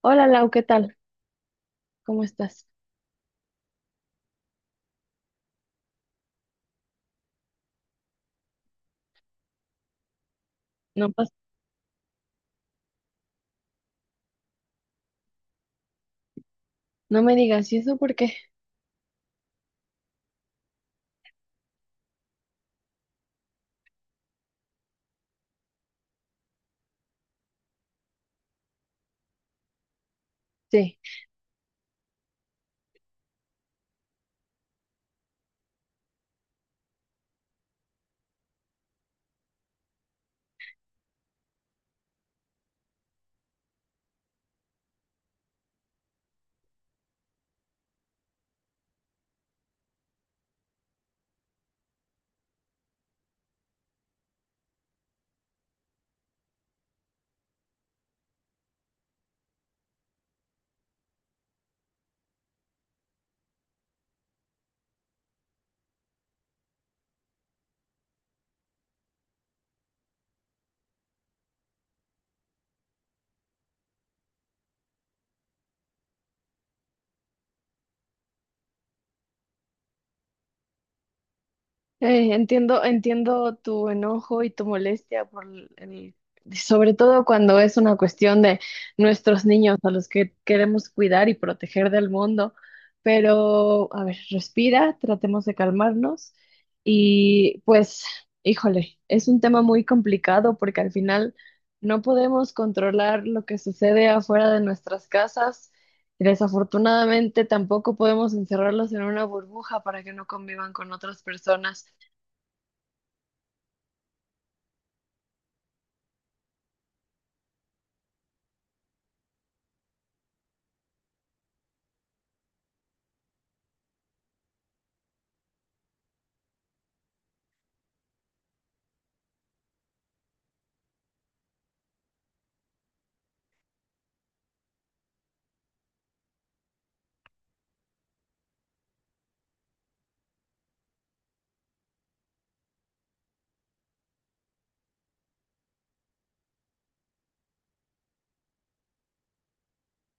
Hola Lau, ¿qué tal? ¿Cómo estás? No pas- no me digas, ¿y eso por qué? Sí. Entiendo, entiendo tu enojo y tu molestia por sobre todo cuando es una cuestión de nuestros niños a los que queremos cuidar y proteger del mundo. Pero, a ver, respira, tratemos de calmarnos y pues, híjole, es un tema muy complicado porque al final no podemos controlar lo que sucede afuera de nuestras casas. Desafortunadamente, tampoco podemos encerrarlos en una burbuja para que no convivan con otras personas.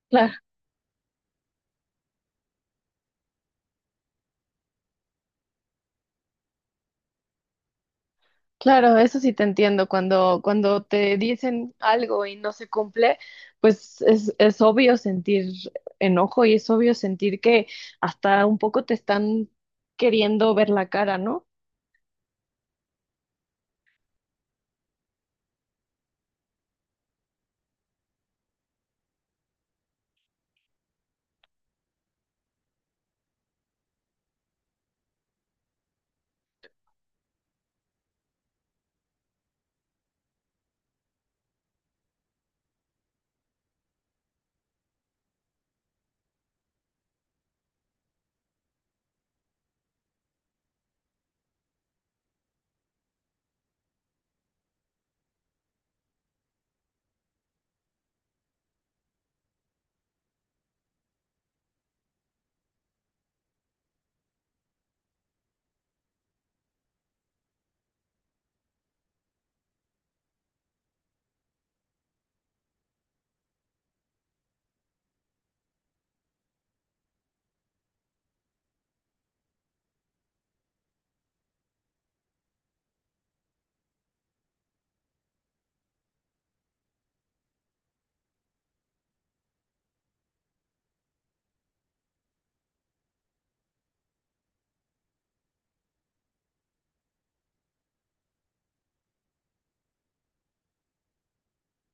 Claro, claro, eso sí te entiendo. Cuando te dicen algo y no se cumple, pues es obvio sentir enojo y es obvio sentir que hasta un poco te están queriendo ver la cara, ¿no?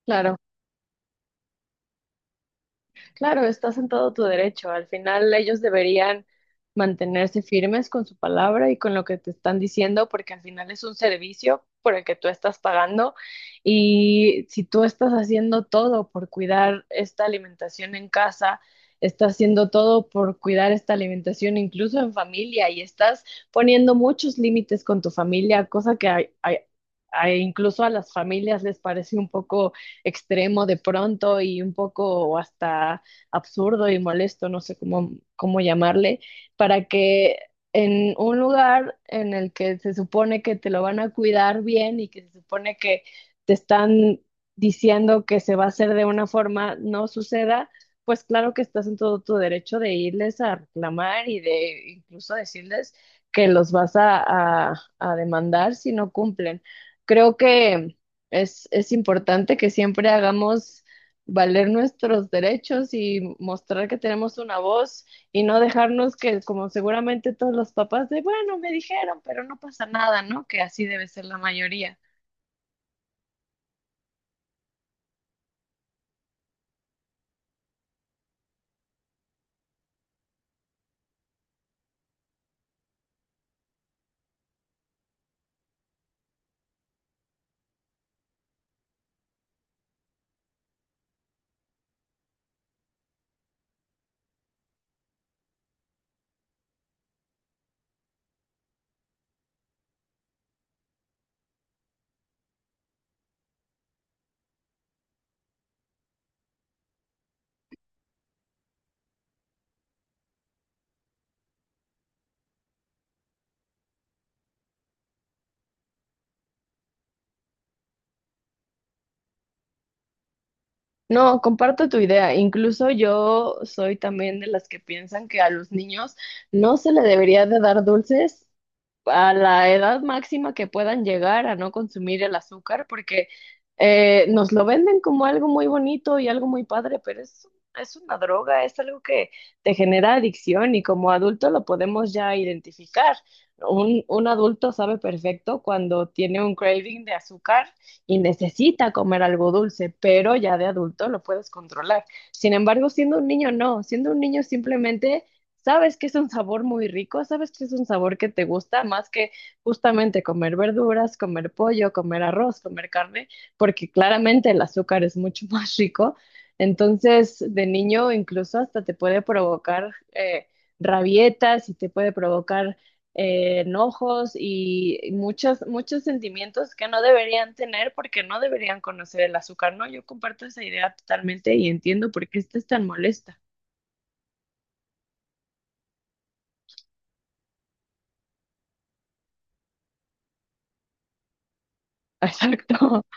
Claro. Claro, estás en todo tu derecho. Al final ellos deberían mantenerse firmes con su palabra y con lo que te están diciendo, porque al final es un servicio por el que tú estás pagando y si tú estás haciendo todo por cuidar esta alimentación en casa, estás haciendo todo por cuidar esta alimentación incluso en familia y estás poniendo muchos límites con tu familia, cosa que incluso a las familias les parece un poco extremo de pronto y un poco hasta absurdo y molesto, no sé cómo, cómo llamarle, para que en un lugar en el que se supone que te lo van a cuidar bien y que se supone que te están diciendo que se va a hacer de una forma, no suceda, pues claro que estás en todo tu derecho de irles a reclamar y de incluso decirles que los vas a demandar si no cumplen. Creo que es importante que siempre hagamos valer nuestros derechos y mostrar que tenemos una voz y no dejarnos que, como seguramente todos los papás, de bueno, me dijeron, pero no pasa nada, ¿no? Que así debe ser la mayoría. No, comparto tu idea. Incluso yo soy también de las que piensan que a los niños no se le debería de dar dulces a la edad máxima que puedan llegar a no consumir el azúcar, porque nos lo venden como algo muy bonito y algo muy padre, pero es una droga, es algo que te genera adicción y como adulto lo podemos ya identificar. Un adulto sabe perfecto cuando tiene un craving de azúcar y necesita comer algo dulce, pero ya de adulto lo puedes controlar. Sin embargo, siendo un niño no, siendo un niño simplemente sabes que es un sabor muy rico, sabes que es un sabor que te gusta más que justamente comer verduras, comer pollo, comer arroz, comer carne, porque claramente el azúcar es mucho más rico. Entonces, de niño incluso hasta te puede provocar rabietas y te puede provocar enojos y muchos, muchos sentimientos que no deberían tener porque no deberían conocer el azúcar, ¿no? Yo comparto esa idea totalmente y entiendo por qué estás tan molesta.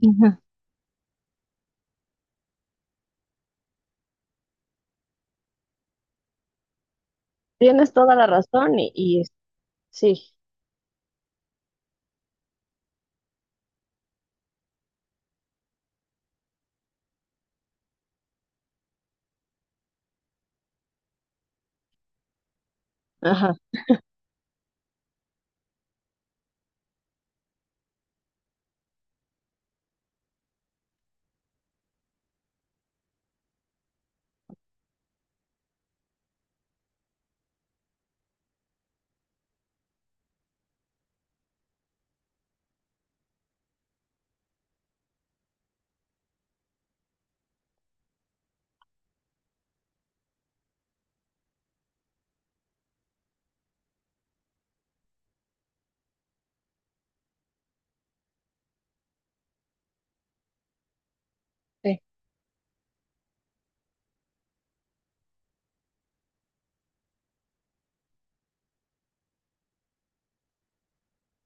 Exacto. Tienes toda la razón y sí, ajá. Sí.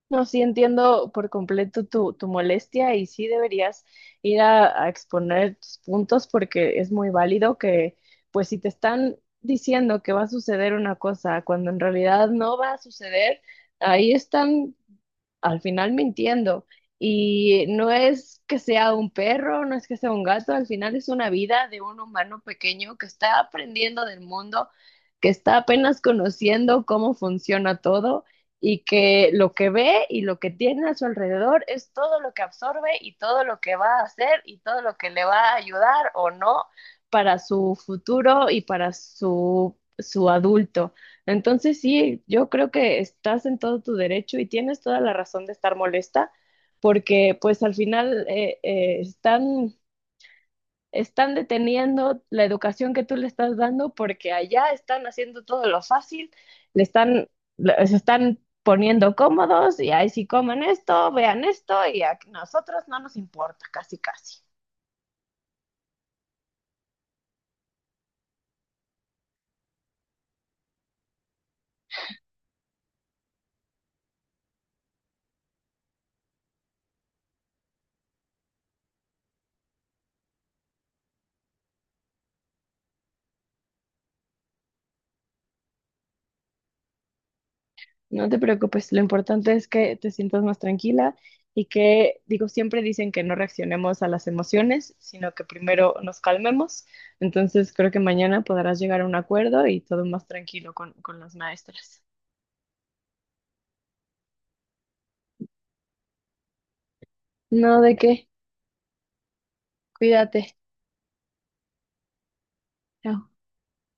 No, sí entiendo por completo tu molestia y sí deberías ir a exponer tus puntos porque es muy válido que, pues si te están diciendo que va a suceder una cosa cuando en realidad no va a suceder, ahí están al final mintiendo. Y no es que sea un perro, no es que sea un gato, al final es una vida de un humano pequeño que está aprendiendo del mundo, que está apenas conociendo cómo funciona todo y que lo que ve y lo que tiene a su alrededor es todo lo que absorbe y todo lo que va a hacer y todo lo que le va a ayudar o no para su futuro y para su, su adulto. Entonces sí, yo creo que estás en todo tu derecho y tienes toda la razón de estar molesta, porque pues al final están, están deteniendo la educación que tú le estás dando porque allá están haciendo todo lo fácil, le están, se están poniendo cómodos y ahí si comen esto, vean esto y a nosotros no nos importa, casi casi. No te preocupes, lo importante es que te sientas más tranquila y que, digo, siempre dicen que no reaccionemos a las emociones, sino que primero nos calmemos. Entonces creo que mañana podrás llegar a un acuerdo y todo más tranquilo con las maestras. No, ¿de qué? Cuídate. Chao.